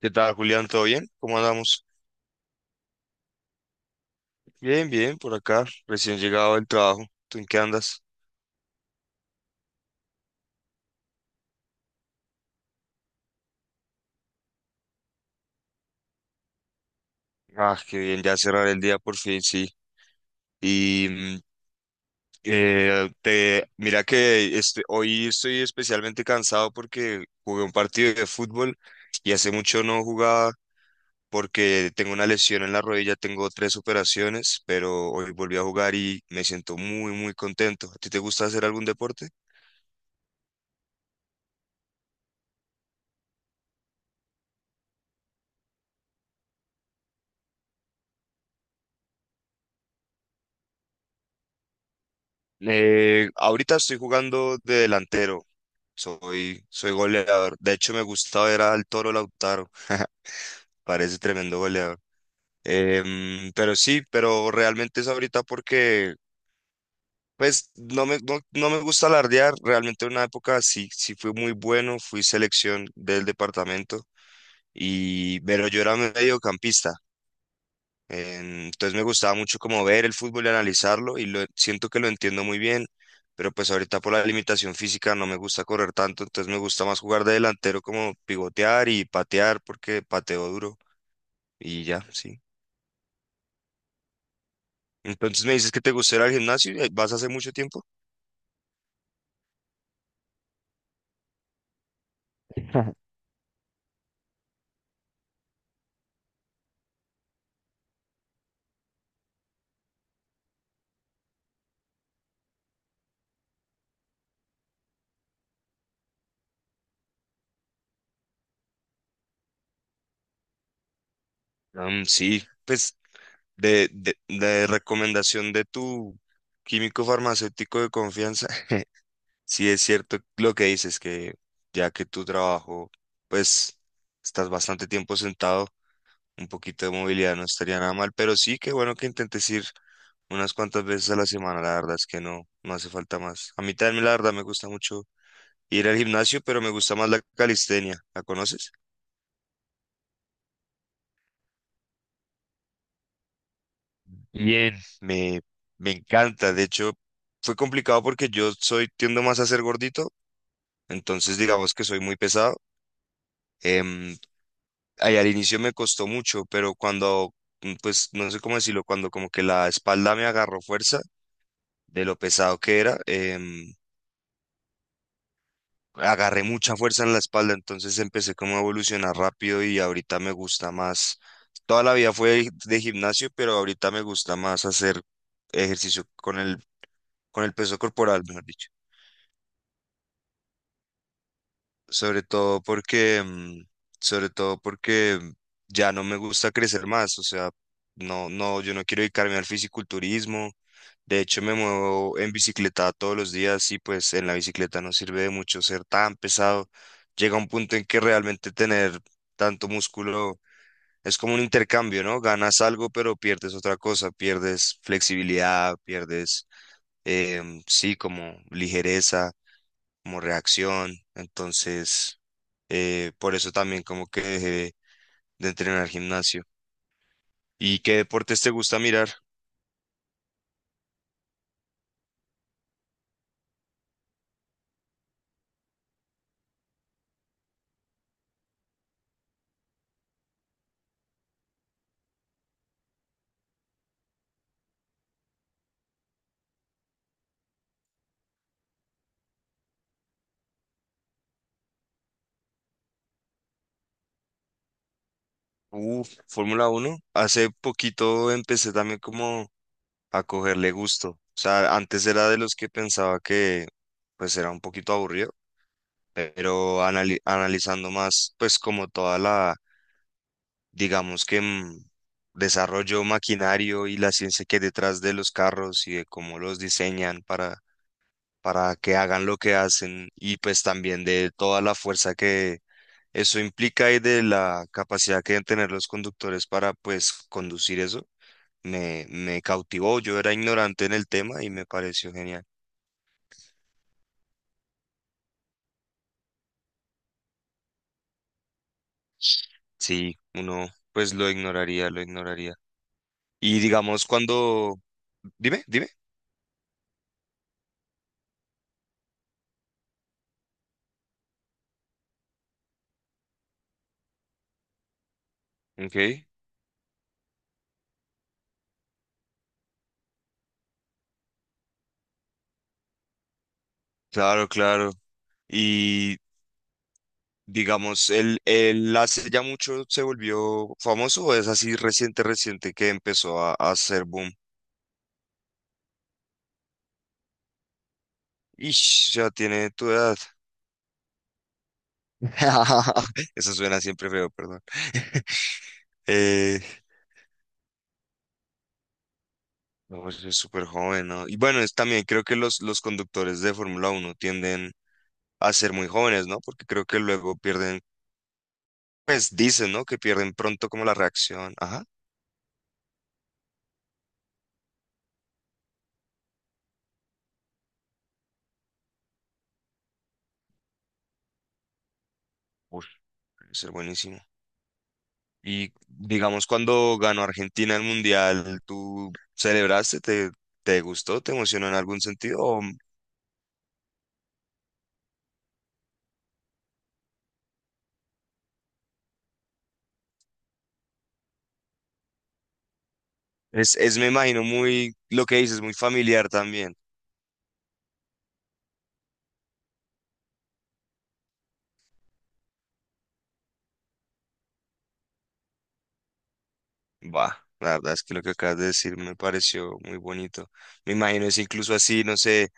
¿Qué tal, Julián? ¿Todo bien? ¿Cómo andamos? Bien, bien, por acá, recién llegado del trabajo. ¿Tú en qué andas? Ah, qué bien, ya cerrar el día por fin, sí. Y mira que hoy estoy especialmente cansado porque jugué un partido de fútbol y hace mucho no jugaba porque tengo una lesión en la rodilla, tengo tres operaciones, pero hoy volví a jugar y me siento muy, muy contento. ¿A ti te gusta hacer algún deporte? Ahorita estoy jugando de delantero. Soy goleador. De hecho, me gusta ver al Toro Lautaro. Parece tremendo goleador. Pero sí, pero realmente es ahorita porque, pues, no me gusta alardear. Realmente en una época sí, sí fui muy bueno. Fui selección del departamento. Y, pero yo era mediocampista. Entonces me gustaba mucho como ver el fútbol y analizarlo y lo, siento que lo entiendo muy bien, pero pues ahorita por la limitación física no me gusta correr tanto, entonces me gusta más jugar de delantero como pivotear y patear porque pateo duro y ya, sí. Entonces me dices que te gusta ir al gimnasio, ¿y vas hace mucho tiempo? Sí, pues de recomendación de tu químico farmacéutico de confianza. Sí, es cierto lo que dices, que ya que tu trabajo, pues estás bastante tiempo sentado, un poquito de movilidad no estaría nada mal, pero sí, que bueno que intentes ir unas cuantas veces a la semana, la verdad es que no, no hace falta más. A mí también, la verdad, me gusta mucho ir al gimnasio, pero me gusta más la calistenia, ¿la conoces? Bien. Me encanta, de hecho, fue complicado porque yo soy, tiendo más a ser gordito, entonces digamos que soy muy pesado. em, Ahí al inicio me costó mucho, pero pues no sé cómo decirlo, cuando como que la espalda me agarró fuerza de lo pesado que era, agarré mucha fuerza en la espalda, entonces empecé como a evolucionar rápido y ahorita me gusta más. Toda la vida fue de gimnasio, pero ahorita me gusta más hacer ejercicio con con el peso corporal, mejor dicho. sobre todo porque, mm, sobre todo porque ya no me gusta crecer más, o sea, no, yo no quiero dedicarme al fisiculturismo. De hecho, me muevo en bicicleta todos los días y pues en la bicicleta no sirve de mucho ser tan pesado. Llega un punto en que realmente tener tanto músculo es como un intercambio, ¿no? Ganas algo, pero pierdes otra cosa, pierdes flexibilidad, sí, como ligereza como reacción. Entonces, por eso también como que dejé de entrenar gimnasio. ¿Y qué deportes te gusta mirar? Uf, Fórmula uno. Hace poquito empecé también como a cogerle gusto. O sea, antes era de los que pensaba que pues era un poquito aburrido, pero analizando más pues como toda la, digamos que desarrollo maquinario y la ciencia que hay detrás de los carros y de cómo los diseñan para que hagan lo que hacen y pues también de toda la fuerza que eso implica y de la capacidad que deben tener los conductores para pues conducir eso, me cautivó. Yo era ignorante en el tema y me pareció genial. Sí, uno pues lo ignoraría, lo ignoraría. Y digamos cuando... Dime, dime. Ok, claro, claro. Y digamos, él hace ya mucho se volvió famoso o es así reciente, reciente que empezó a hacer boom? Ish, ya tiene tu edad. Eso suena siempre feo, perdón. Eh, no, pues, es súper joven, ¿no? Y bueno, es, también creo que los conductores de Fórmula Uno tienden a ser muy jóvenes, ¿no? Porque creo que luego pierden, pues dicen, ¿no? Que pierden pronto como la reacción. Ajá. Uf, debe ser buenísimo. Y digamos, cuando ganó Argentina el Mundial, ¿tú celebraste? Te gustó? ¿Te emocionó en algún sentido? ¿O es, me imagino, muy, lo que dices, muy familiar también? Va, la verdad es que lo que acabas de decir me pareció muy bonito. Me imagino es incluso así, no sé,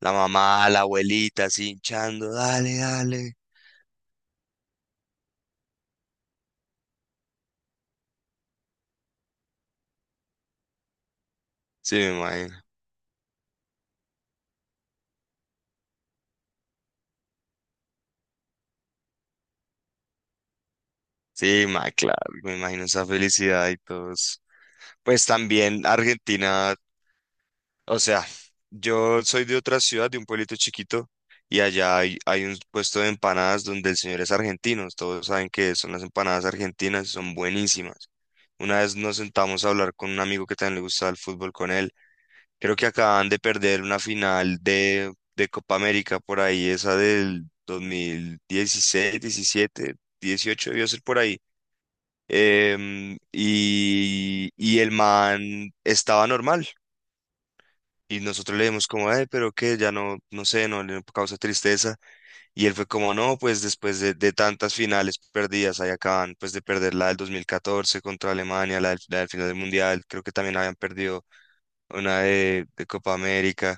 la mamá, la abuelita así hinchando, dale, dale. Sí, me imagino. Sí, ma, claro, me imagino esa felicidad y todos. Pues también Argentina, o sea, yo soy de otra ciudad, de un pueblito chiquito, y allá hay un puesto de empanadas donde el señor es argentino. Todos saben que son las empanadas argentinas, son buenísimas. Una vez nos sentamos a hablar con un amigo que también le gustaba el fútbol con él. Creo que acaban de perder una final de Copa América por ahí, esa del 2016, 17, 18 debió ser por ahí. El man estaba normal. Y nosotros le dimos como, pero qué, ya no, no sé, no le causa tristeza. Y él fue como, no, pues después de tantas finales perdidas, ahí acaban pues de perder la del 2014 contra Alemania, la del final del Mundial, creo que también habían perdido una de Copa América.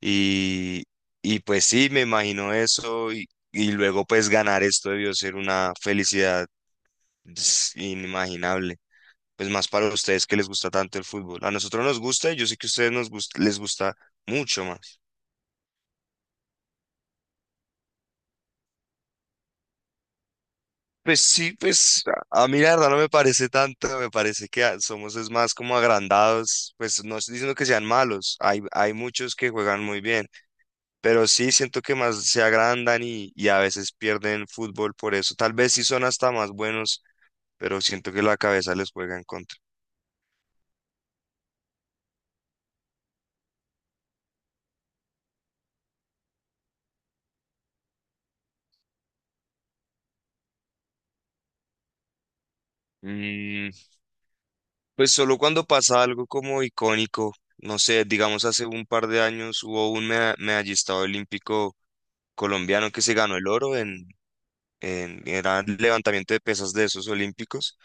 Y, pues sí, me imagino eso y luego pues ganar esto debió ser una felicidad, ps, inimaginable. Pues más para ustedes que les gusta tanto el fútbol. A nosotros nos gusta y yo sé que a ustedes les gusta mucho más. Pues sí, pues a mí la verdad no me parece tanto, me parece que somos es más como agrandados, pues no estoy diciendo que sean malos, hay muchos que juegan muy bien, pero sí siento que más se agrandan y a veces pierden fútbol por eso, tal vez sí son hasta más buenos pero siento que la cabeza les juega en contra. Mm, pues solo cuando pasa algo como icónico, no sé, digamos hace un par de años hubo un medallista olímpico colombiano que se ganó el oro en era levantamiento de pesas de esos olímpicos,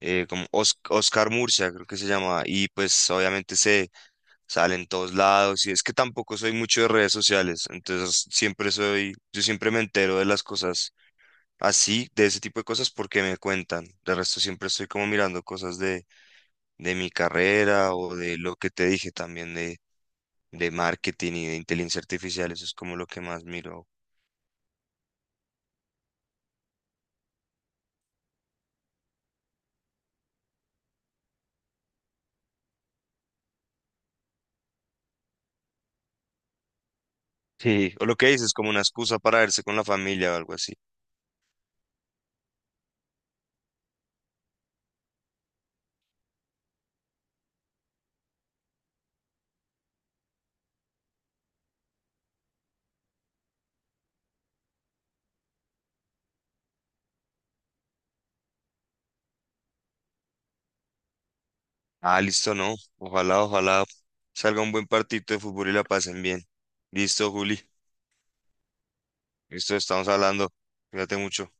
Oscar Murcia creo que se llamaba, y pues obviamente se sale en todos lados, y es que tampoco soy mucho de redes sociales, entonces siempre soy, yo siempre me entero de las cosas así, de ese tipo de cosas, porque me cuentan. De resto, siempre estoy como mirando cosas de mi carrera o de lo que te dije también de marketing y de inteligencia artificial. Eso es como lo que más miro. Sí, o lo que dices, como una excusa para verse con la familia o algo así. Ah, listo, no. Ojalá, ojalá salga un buen partido de fútbol y la pasen bien. Listo, Juli. Listo, estamos hablando. Cuídate mucho.